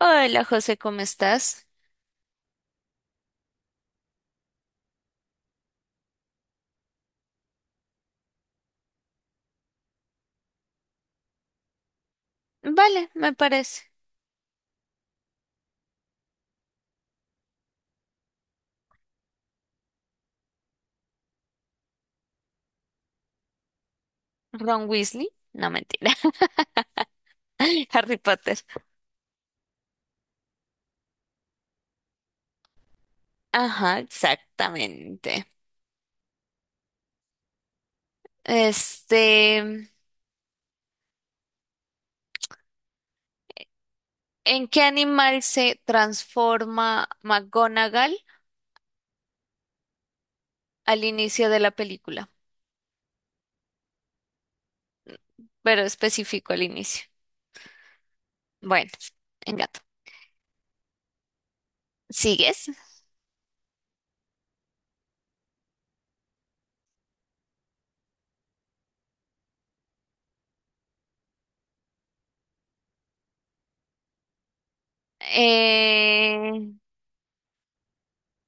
Hola José, ¿cómo estás? Vale, me parece. Ron Weasley, no mentira. Harry Potter. Ajá, exactamente. Este, ¿En qué animal se transforma McGonagall al inicio de la película? Pero específico al inicio. Bueno, en gato. ¿Sigues? Eh,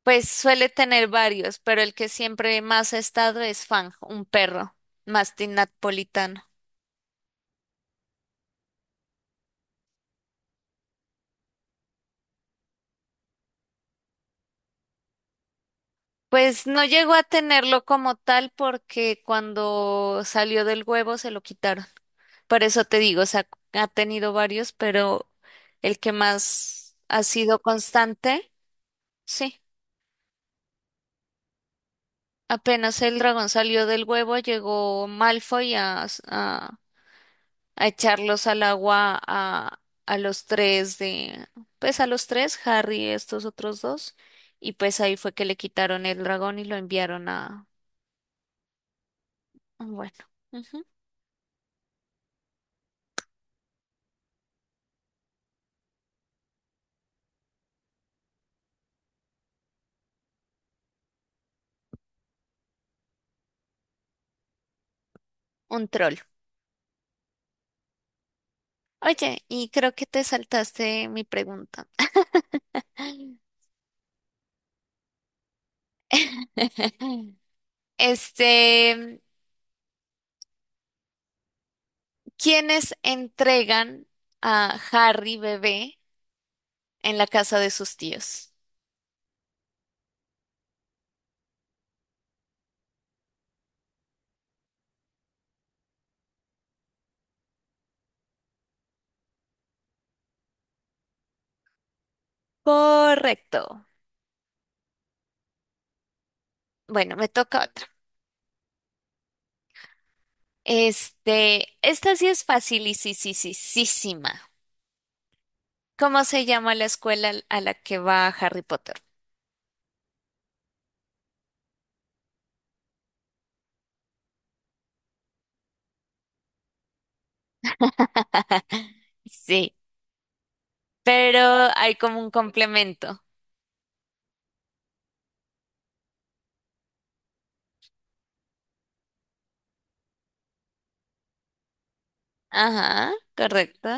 pues suele tener varios, pero el que siempre más ha estado es Fang, un perro mastín napolitano. Pues no llegó a tenerlo como tal porque cuando salió del huevo se lo quitaron. Por eso te digo, o sea, ha tenido varios, pero el que más ha sido constante, sí. Apenas el dragón salió del huevo, llegó Malfoy a echarlos al agua a los tres de, pues a los tres, Harry, y estos otros dos, y pues ahí fue que le quitaron el dragón y lo enviaron a, bueno, ujú, un troll. Oye, y creo que te saltaste mi pregunta. Este, ¿quiénes entregan a Harry bebé en la casa de sus tíos? Correcto. Bueno, me toca otra. Esta sí es fácil y sí, sí, sí, sí, sí, ma. ¿Cómo se llama la escuela a la que va Harry Potter? Sí, pero hay como un complemento. Ajá, correcto.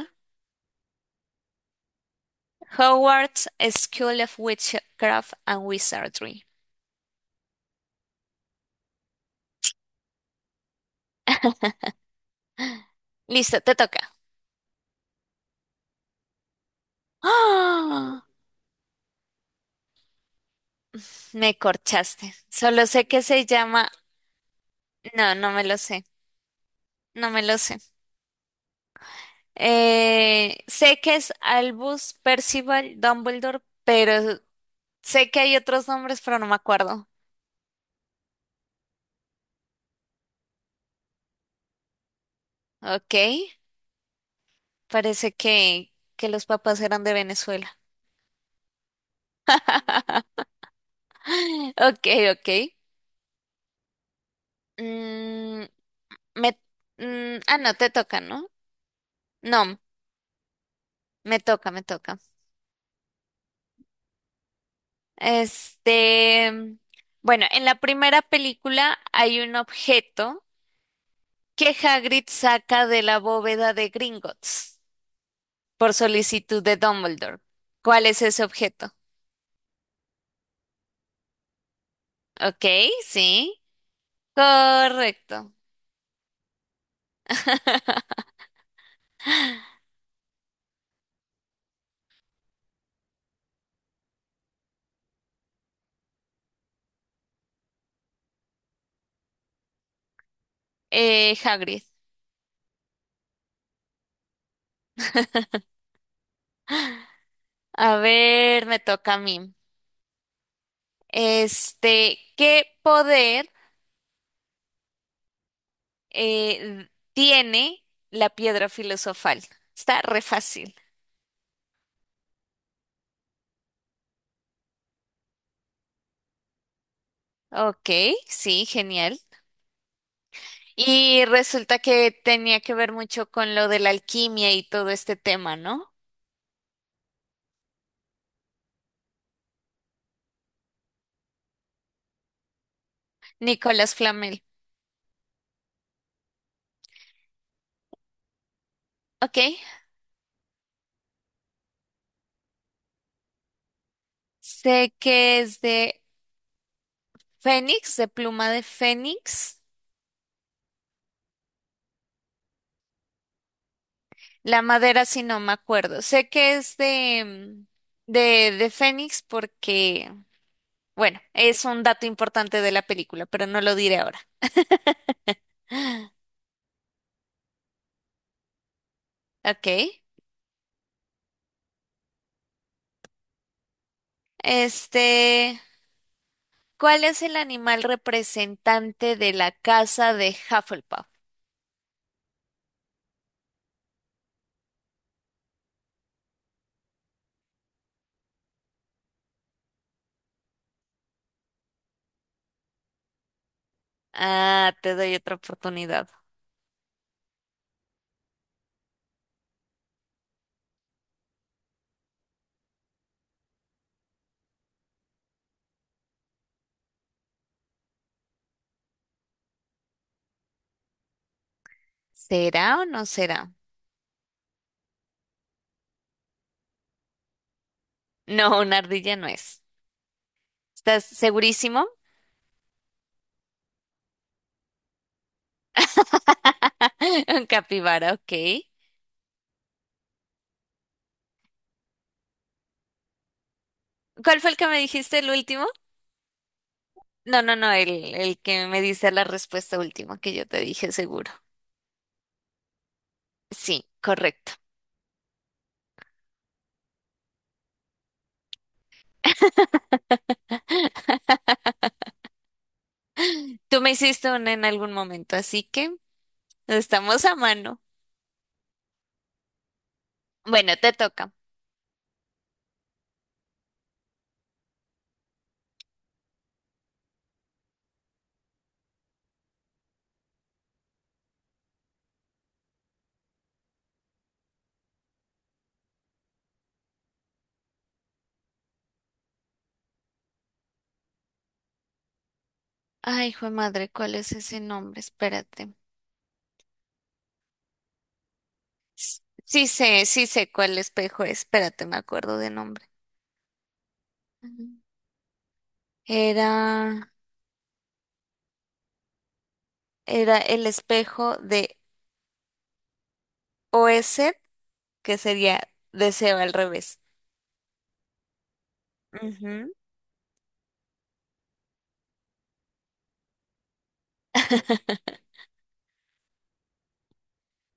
Howard's School of Witchcraft and Wizardry. Listo, te toca. ¡Ah! Me corchaste. Solo sé que se llama. No, no me lo sé. No me lo sé. Sé que es Albus Percival Dumbledore, pero sé que hay otros nombres, pero no me acuerdo. Ok. Parece que los papás eran de Venezuela. Ok, ok. Mm, me, no, te toca, ¿no? No, me toca, me toca. Este, bueno, en la primera película hay un objeto que Hagrid saca de la bóveda de Gringotts por solicitud de Dumbledore. ¿Cuál es ese objeto? Ok, sí, correcto. Hagrid. A ver, me toca a mí. ¿Qué poder tiene la piedra filosofal? Está re fácil. Ok, sí, genial. Y resulta que tenía que ver mucho con lo de la alquimia y todo este tema, ¿no? Nicolás Flamel. Ok. Sé que es de Fénix, de pluma de Fénix. La madera si no me acuerdo. Sé que es de, de Fénix porque, bueno, es un dato importante de la película, pero no lo diré ahora. Ok. Este, ¿Cuál es el animal representante de la casa de Hufflepuff? Ah, te doy otra oportunidad. ¿Será o no será? No, una ardilla no es. ¿Estás segurísimo? Un capibara, ok. ¿Cuál fue el que me dijiste el último? No, no, no, el que me dice la respuesta última que yo te dije seguro. Sí, correcto. Tú me hiciste una en algún momento, así que estamos a mano. Bueno, te toca. Ay, hijo de madre, ¿cuál es ese nombre? Espérate. Sí sé, sí sé cuál espejo es. Espérate, me acuerdo de nombre. Era, era el espejo de Oesed, que sería deseo al revés. Ujú.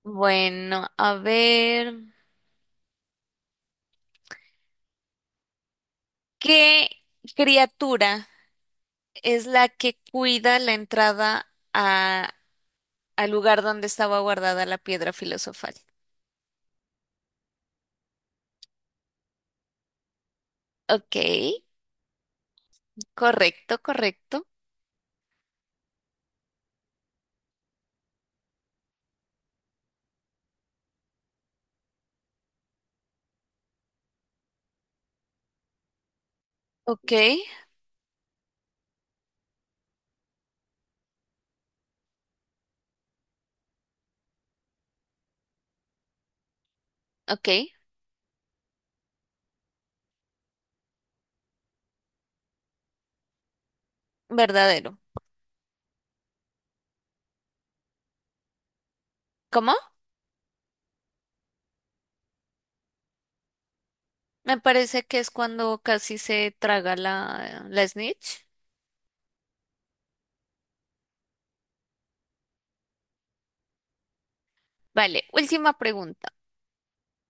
Bueno, a ver, ¿qué criatura es la que cuida la entrada al lugar donde estaba guardada la piedra filosofal? Ok, correcto, correcto. Ok, ok, verdadero. ¿Cómo? Me parece que es cuando casi se traga la snitch. Vale, última pregunta.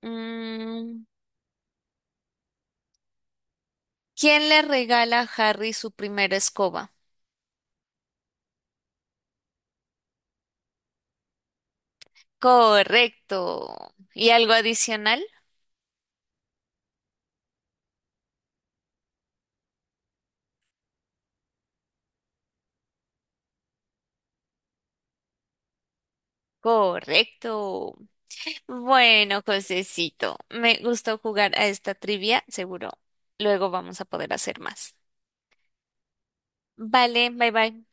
Mm, ¿Quién le regala a Harry su primera escoba? Correcto. ¿Y algo adicional? Correcto. Bueno, Josecito, me gustó jugar a esta trivia, seguro luego vamos a poder hacer más. Vale, bye bye.